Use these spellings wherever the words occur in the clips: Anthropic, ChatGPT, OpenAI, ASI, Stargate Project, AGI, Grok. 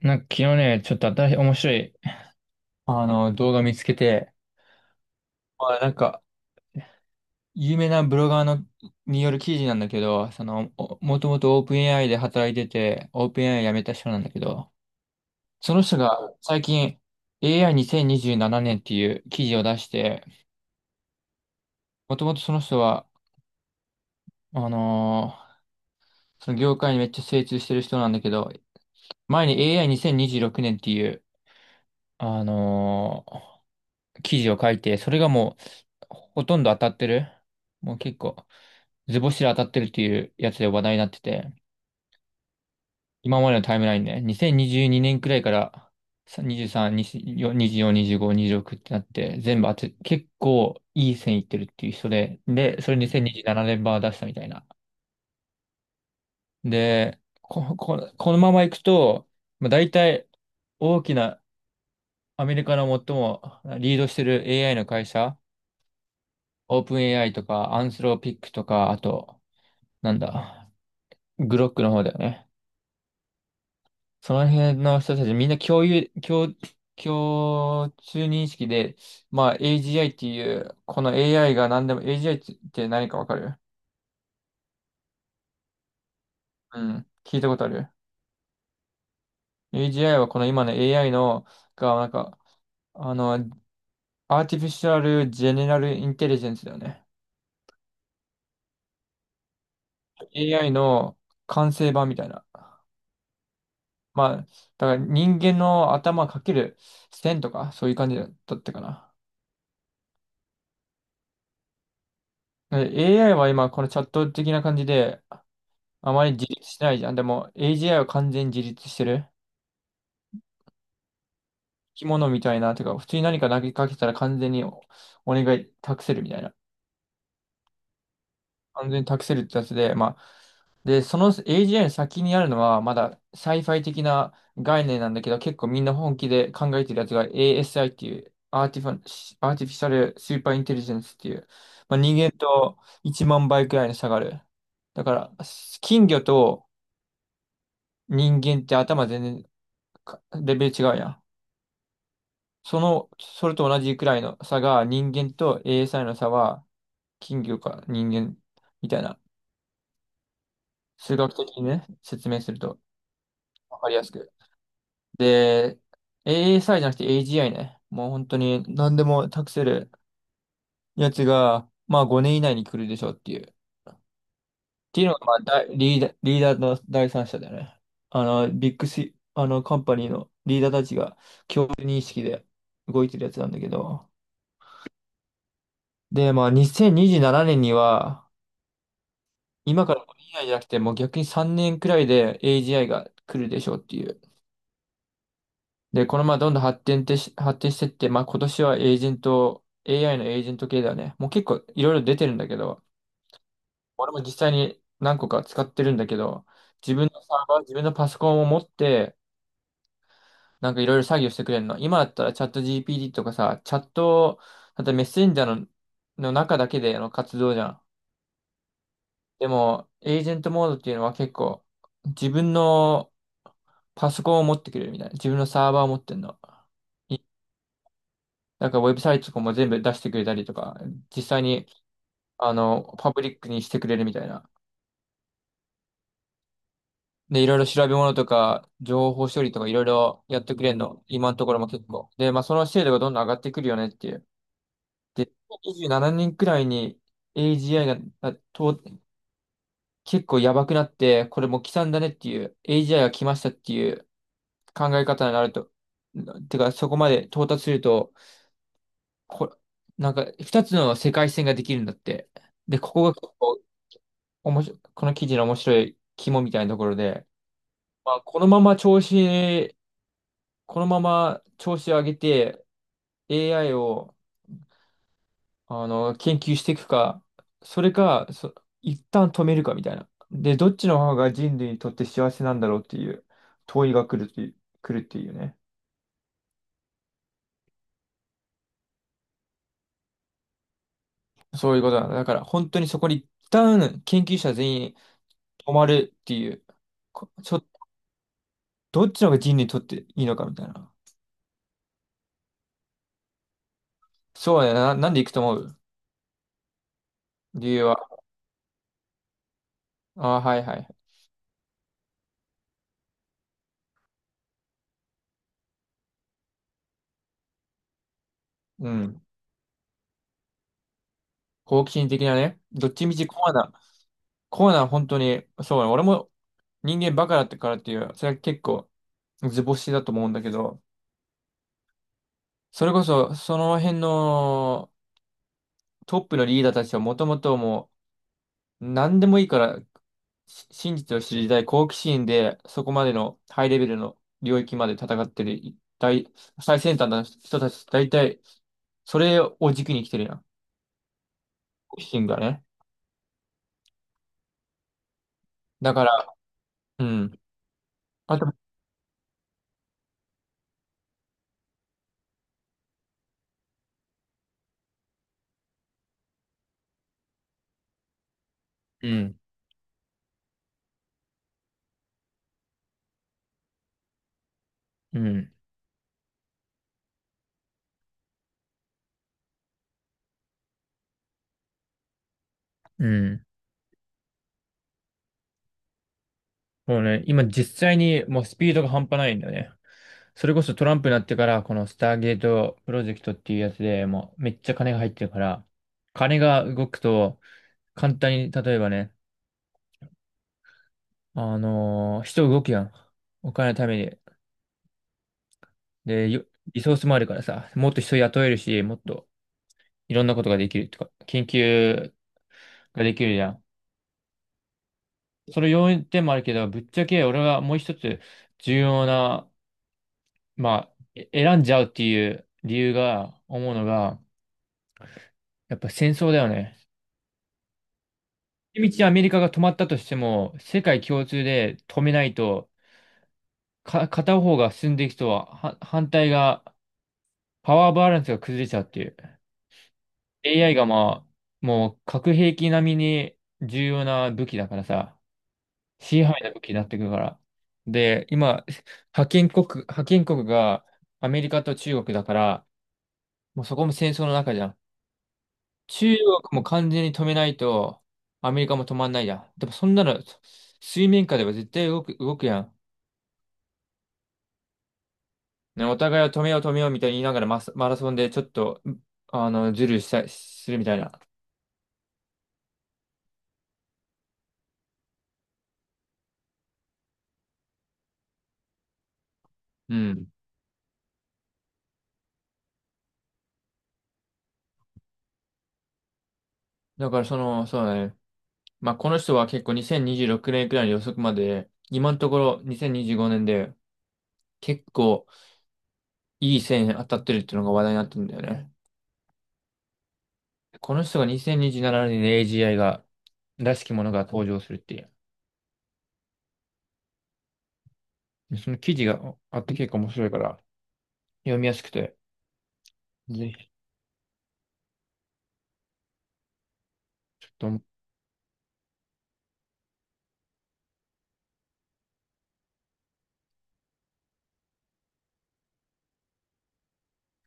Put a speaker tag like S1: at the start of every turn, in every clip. S1: なんか昨日ね、ちょっと新しい、面白い、動画見つけて、まあ、なんか、有名なブロガーの、による記事なんだけど、その、もともとオープン AI で働いてて、オープン AI 辞めた人なんだけど、その人が最近 AI2027 年っていう記事を出して、もともとその人は、あのーその業界にめっちゃ精通してる人なんだけど、前に AI2026 年っていう、あのー記事を書いて、それがもう、ほとんど当たってる。もう結構、図星で当たってるっていうやつで話題になってて、今までのタイムラインね、2022年くらいから、23、24、2 5 26ってなって、全部当て、結構いい線いってるっていう人で、で、それ2027年版出したみたいな。で、このままいくと、まあ、大体、大きなアメリカの最もリードしてる AI の会社、オープン AI とか、アンスローピックとか、あと、なんだ、グロックの方だよね。その辺の人たちみんな共有、共、共通認識で、まあ AGI っていう、この AI が何でも、AGI って何かわかる？うん、聞いたことある。AGI はこの今の AI の、が、なんか、あの、アーティフィシャルジェネラルインテリジェンスだよね。AI の完成版みたいな。まあ、だから人間の頭かける線とか、そういう感じだったかな。で AI は今、このチャット的な感じで、あまり自立してないじゃん。でも、AGI は完全に自立してる。生き物みたいな、てか、普通に何か投げかけたら完全にお願い託せるみたいな。完全に託せるってやつで、まあ、で、その AGI の先にあるのは、まだサイファイ的な概念なんだけど、結構みんな本気で考えてるやつが ASI っていう、アーティフィシャルスーパーインテリジェンスっていう、まあ、人間と1万倍くらいの差がある。だから、金魚と人間って頭全然かレベル違うやん。その、それと同じくらいの差が、人間と ASI の差は、金魚か人間みたいな、数学的にね、説明すると。わかりやすく。で、ASI じゃなくて AGI ね。もう本当に何でも託せるやつが、まあ5年以内に来るでしょうっていう。っていうのが、まあ、だリーダー、リーダーの第三者だよね。あの、ビッグシ、あの、カンパニーのリーダーたちが共通認識で動いてるやつなんだけど。で、まあ2027年にじゅうななねんには、今から5年以内じゃなくて、もう逆に3年くらいで AGI が来るでしょうっていう。で、このままどんどん発展してって、まあ今年はエージェント、AI のエージェント系だよね。もう結構いろいろ出てるんだけど、俺も実際に何個か使ってるんだけど、自分のサーバー、自分のパソコンを持って、なんかいろいろ作業してくれるの。今だったらチャット GPT とかさ、チャット、あとメッセンジャーの中だけでの活動じゃん。でも、エージェントモードっていうのは結構、自分のパソコンを持ってくれるみたいな。自分のサーバーを持ってんの。なんかウェブサイトとかも全部出してくれたりとか、実際に、パブリックにしてくれるみたいな。で、いろいろ調べ物とか、情報処理とかいろいろやってくれるの。今のところも結構。で、まあ、その精度がどんどん上がってくるよねっていう。で、27年くらいに AGI が、あと、結構やばくなって、これもう刻んだねっていう、AGI が来ましたっていう考え方になると、てか、そこまで到達すると、こ、なんか、二つの世界線ができるんだって。で、ここがおもし、この記事の面白い肝みたいなところで、まあ、このまま調子を上げて AI を研究していくか、それか、一旦止めるかみたいな。で、どっちの方が人類にとって幸せなんだろうっていう問いが来るっていうね。そういうことなだ。だから本当にそこに一旦研究者全員止まるっていう、こちょ、どっちの方が人類にとっていいのかみたいな。そうだよな。なんで行くと思う？理由は？ああ、はいはい。うん。好奇心的なね。どっちみちコアな本当に、そうね。俺も人間バカだったからっていう、それは結構図星だと思うんだけど、それこそその辺のトップのリーダーたちはもともともう何でもいいから、真実を知りたい好奇心で、そこまでのハイレベルの領域まで戦ってる大、最先端の人たち、大体、それを軸に来てるやん。好奇心がね。だから、うん。あと、うんうん。うん。もうね、今実際にもうスピードが半端ないんだよね。それこそトランプになってから、このスターゲートプロジェクトっていうやつでもうめっちゃ金が入ってるから、金が動くと簡単に、例えばね、人動くやん。お金のために。で、リソースもあるからさ、もっと人雇えるし、もっといろんなことができるとか、研究ができるじゃん。その要因点もあるけど、ぶっちゃけ俺はもう一つ重要なまあ、選んじゃうっていう理由が、思うのが、やっぱ戦争だよね。一道アメリカが止まったとしても、世界共通で止めないと、片方が進んでいくとは、は反対が、パワーバランスが崩れちゃうっていう。AI がまあ、もう核兵器並みに重要な武器だからさ、支配な武器になってくるから。で、今、覇権国がアメリカと中国だから、もうそこも戦争の中じゃん。中国も完全に止めないと、アメリカも止まんないや。でもそんなの、水面下では絶対動くやん。ね、お互いを止めよう止めようみたいに言いながらマスマラソンでちょっと、うあの、ズルするみたいな。うん。だからその、そうだね。まあ、この人は結構2026年くねんくらいの予測まで、今のところ2025年で結構いい線当たってるっていうのが話題になってるんだよね。この人が2027年に AGI が、らしきものが登場するっていう。でその記事があって結構面白いから読みやすくて、ぜひちょっと、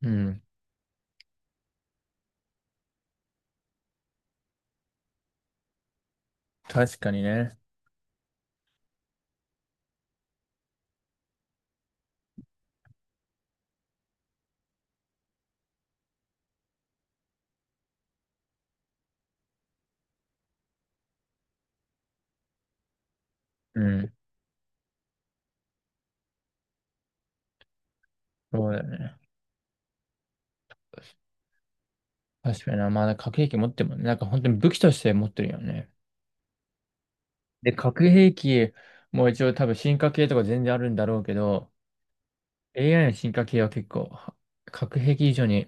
S1: うん。確かにね。うん。そうだよね。確かにな。まあ、なんか核兵器持ってるもんね。なんか本当に武器として持ってるよね。で、核兵器も一応多分進化系とか全然あるんだろうけど、AI の進化系は結構、核兵器以上に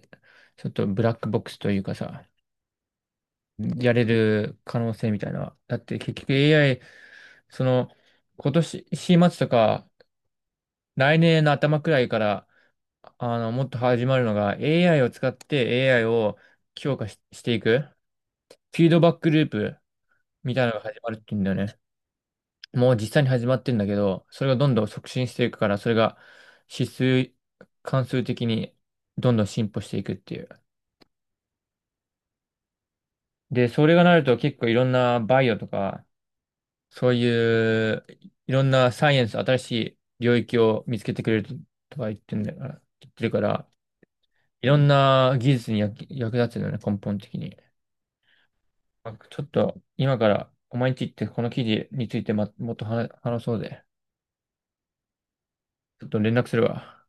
S1: ちょっとブラックボックスというかさ、やれる可能性みたいな。だって結局 AI、その、今年、4末とか、来年の頭くらいから、もっと始まるのが AI を使って AI を強化し、していく、フィードバックループみたいなのが始まるって言うんだよね。もう実際に始まってんだけど、それがどんどん促進していくから、それが指数、関数的にどんどん進歩していくっていう。で、それがなると結構いろんなバイオとか、そういういろんなサイエンス、新しい領域を見つけてくれるとか言ってるから、いろんな技術に役立つんだよね、根本的に。ちょっと今からお前んち行ってこの記事についてもっと話そうぜ。ちょっと連絡するわ。